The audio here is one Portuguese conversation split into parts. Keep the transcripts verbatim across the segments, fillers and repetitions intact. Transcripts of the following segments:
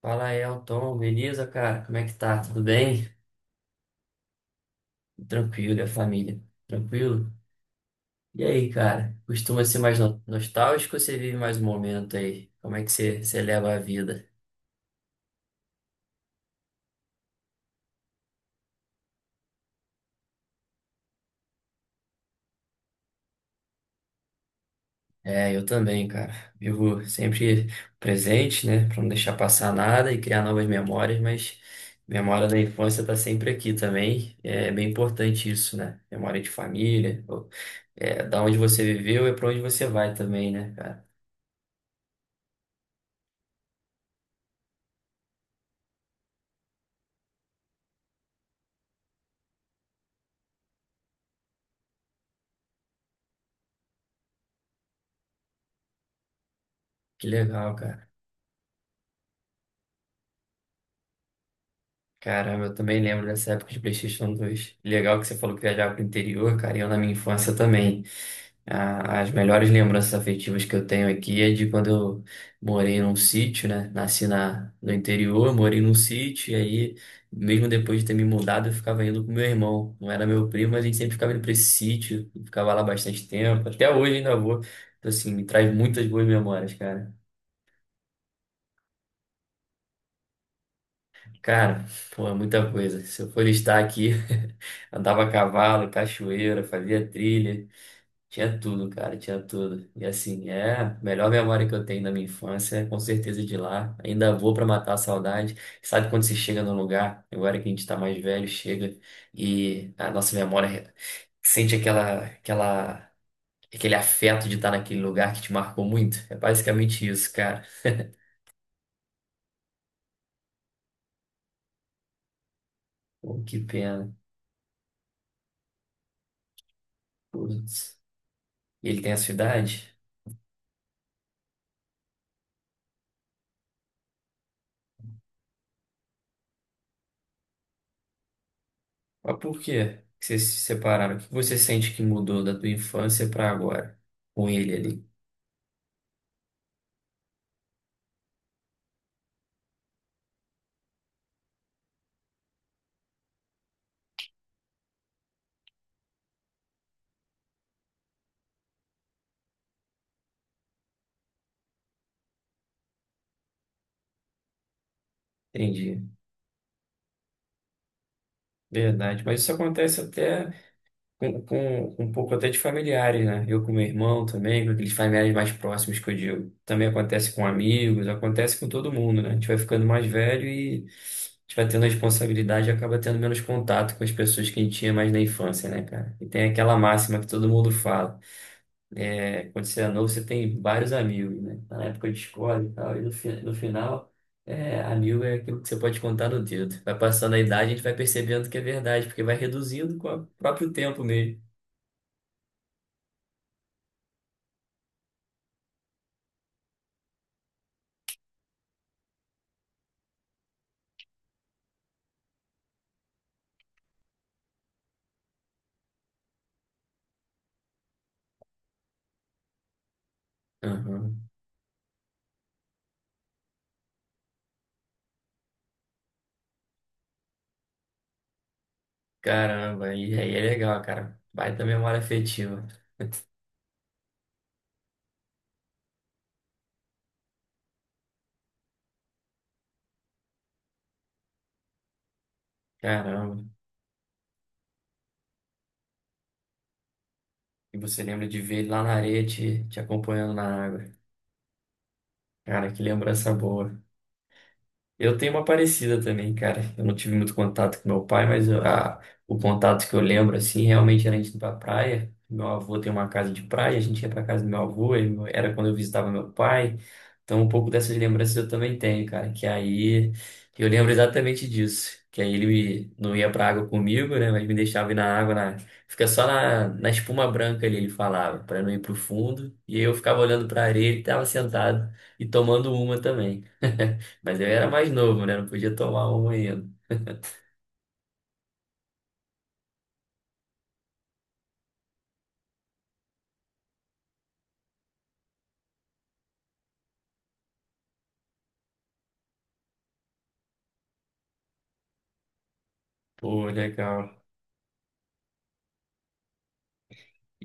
Fala, Elton, beleza, cara? Como é que tá? Tudo bem? Tranquilo, e a família? Tranquilo? E aí, cara? Costuma ser mais no- nostálgico ou você vive mais um momento aí? Como é que você, você leva a vida? É, eu também, cara. Vivo sempre presente, né? Pra não deixar passar nada e criar novas memórias, mas memória da infância tá sempre aqui também. É bem importante isso, né? Memória de família, ou- é, da onde você viveu é pra onde você vai também, né, cara? Que legal, cara. Caramba, eu também lembro dessa época de PlayStation dois. Legal que você falou que viajava pro interior, cara, e eu na minha infância também. A- as melhores lembranças afetivas que eu tenho aqui é de quando eu morei num sítio, né? Nasci na, no interior, morei num sítio, e aí, mesmo depois de ter me mudado, eu ficava indo com meu irmão. Não era meu primo, mas a gente sempre ficava indo pra esse sítio, ficava lá bastante tempo. Até hoje ainda vou. Então, assim, me traz muitas boas memórias, cara. Cara, pô, é muita coisa. Se eu for listar aqui, andava a cavalo, cachoeira, fazia trilha, tinha tudo, cara, tinha tudo. E assim, é a melhor memória que eu tenho da minha infância, é com certeza de lá. Ainda vou pra matar a saudade. Sabe quando você chega num lugar, agora que a gente tá mais velho, chega e a nossa memória sente aquela, aquela, aquele afeto de estar naquele lugar que te marcou muito? É basicamente isso, cara. Pô, que pena. Putz. E ele tem a sua idade? Mas por quê que vocês se separaram? O que você sente que mudou da tua infância para agora com ele ali? Entendi. Verdade. Mas isso acontece até com, com, com um pouco até de familiares, né? Eu com meu irmão também, com aqueles familiares mais próximos que eu digo. Também acontece com amigos, acontece com todo mundo, né? A gente vai ficando mais velho e a gente vai tendo responsabilidade e acaba tendo menos contato com as pessoas que a gente tinha mais na infância, né, cara? E tem aquela máxima que todo mundo fala. É, quando você é novo, você tem vários amigos, né? Tá na época de escola e tal, e no, fi- no final, é, amigo é aquilo que você pode contar no dedo. Vai passando a idade, a gente vai percebendo que é verdade, porque vai reduzindo com o próprio tempo mesmo. Aham. Caramba, e aí é legal, cara. Baita memória afetiva. Caramba, e você lembra de ver ele lá na areia te, te acompanhando na água. Cara, que lembrança boa. Eu tenho uma parecida também, cara. Eu não tive muito contato com meu pai, mas eu- a- o contato que eu lembro, assim, realmente era a gente ir pra praia. Meu avô tem uma casa de praia, a gente ia pra casa do meu avô, e meu- era quando eu visitava meu pai. Então, um pouco dessas lembranças eu também tenho, cara. Que aí eu lembro exatamente disso. Que aí ele me- não ia pra água comigo, né? Mas me deixava ir na água, na, fica só na, na espuma branca ali, ele falava, pra não ir pro fundo. E eu ficava olhando pra areia, ele tava sentado e tomando uma também. Mas eu era mais novo, né? Não podia tomar uma ainda. Pô, legal.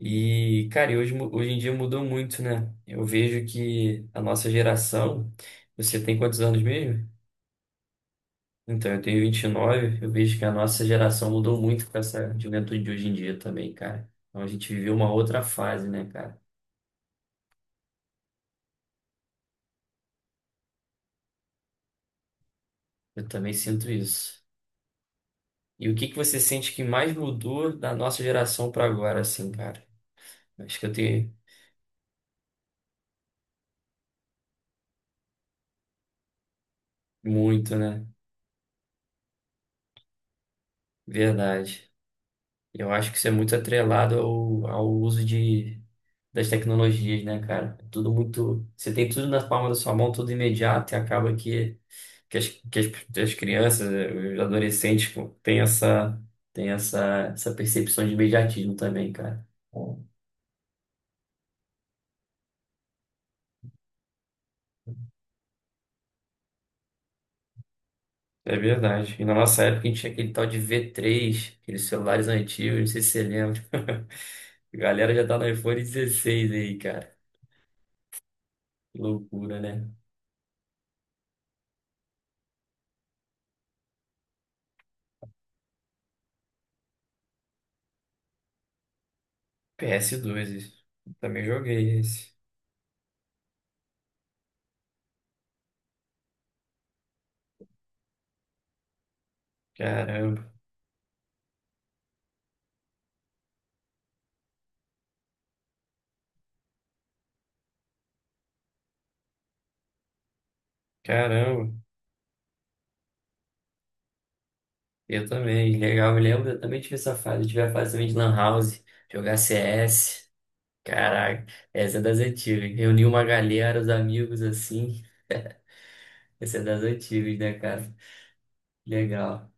E, cara, e hoje, mu- hoje em dia mudou muito, né? Eu vejo que a nossa geração. Você tem quantos anos mesmo? Então, eu tenho vinte e nove. Eu vejo que a nossa geração mudou muito com essa juventude de hoje em dia também, cara. Então, a gente viveu uma outra fase, né, cara? Eu também sinto isso. E o que que você sente que mais mudou da nossa geração para agora, assim, cara? Acho que eu tenho muito, né? Verdade. Eu acho que isso é muito atrelado ao, ao uso de, das tecnologias, né, cara? Tudo muito. Você tem tudo na palma da sua mão, tudo imediato, e acaba que, que, as, que as, as crianças, eh, os adolescentes, pô, têm essa, têm essa, essa percepção de imediatismo também, cara. É verdade. E na nossa época a gente tinha aquele tal de v três, aqueles celulares antigos, não sei se você lembra. A galera já tá no iPhone dezesseis aí, cara. Que loucura, né? PS dois, isso. Eu também joguei esse. Caramba, caramba. Eu também, legal. Eu lembro, eu também tive essa fase. Eu tive a fase também de Lan House, jogar C S. Caraca, essa é das antigas. Reunir uma galera, os amigos assim. Essa é das antigas, né, cara? Legal.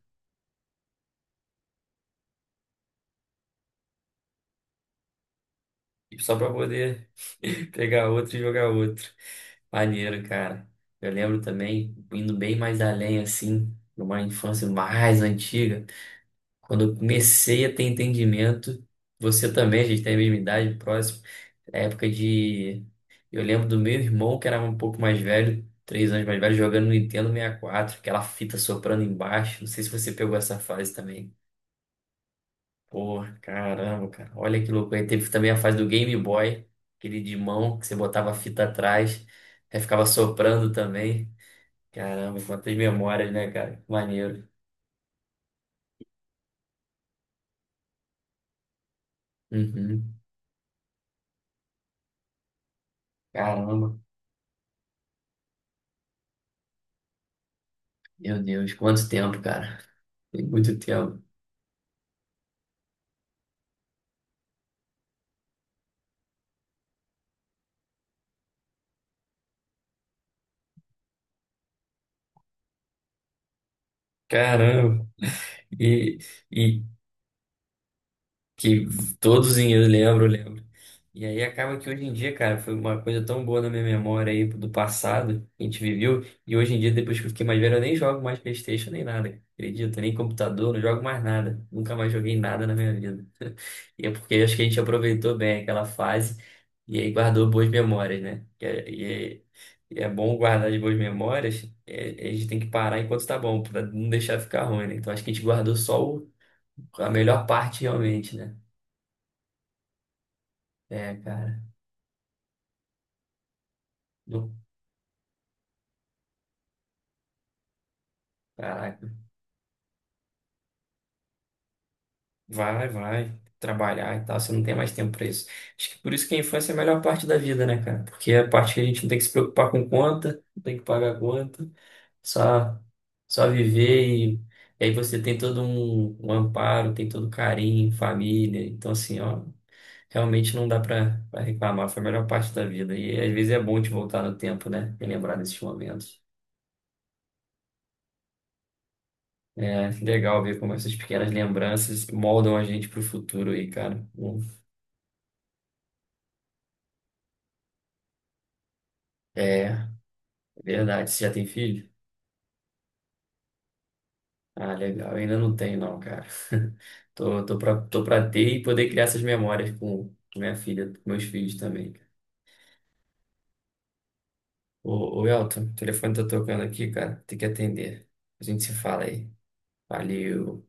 E só pra poder pegar outro e jogar outro. Maneiro, cara. Eu lembro também, indo bem mais além, assim, numa infância mais antiga. Quando eu comecei a ter entendimento, você também, a gente tem a mesma idade, próximo, é época de. Eu lembro do meu irmão, que era um pouco mais velho, três anos mais velho, jogando no Nintendo sessenta e quatro, aquela fita soprando embaixo. Não sei se você pegou essa fase também. Pô, caramba, cara, olha que louco. Aí teve também a fase do Game Boy, aquele de mão, que você botava a fita atrás, aí ficava soprando também. Caramba, quantas memórias, né, cara? Maneiro. Uhum. Caramba, meu Deus, quanto tempo, cara. Tem muito tempo. Caramba. E, e que todos em eu lembro, lembro. E aí acaba que hoje em dia, cara, foi uma coisa tão boa na minha memória aí do passado, que a gente viveu, e hoje em dia, depois que eu fiquei mais velho, eu nem jogo mais PlayStation nem nada, cara. Acredita? Nem computador, não jogo mais nada. Nunca mais joguei nada na minha vida. E é porque acho que a gente aproveitou bem aquela fase e aí guardou boas memórias, né? E é, e é, e é bom guardar de boas memórias, é- a gente tem que parar enquanto tá bom, pra não deixar ficar ruim, né? Então acho que a gente guardou só o- a melhor parte realmente, né? É, cara. Do, caraca. Vai, vai trabalhar e tal, você não tem mais tempo pra isso. Acho que por isso que a infância é a melhor parte da vida, né, cara? Porque é a parte que a gente não tem que se preocupar com conta, não tem que pagar conta, só só viver e, e aí você tem todo um, um amparo, tem todo carinho, família. Então, assim, ó, realmente não dá pra, pra reclamar, foi a melhor parte da vida. E às vezes é bom te voltar no tempo, né? E lembrar desses momentos. É legal ver como essas pequenas lembranças moldam a gente pro futuro aí, cara. Bom, é, verdade, você já tem filho? Ah, legal. Eu ainda não tenho, não, cara. Tô, tô pra, tô pra ter e poder criar essas memórias com com minha filha, com meus filhos também. Ô, ô Elton, o telefone tá tocando aqui, cara. Tem que atender. A gente se fala aí. Valeu.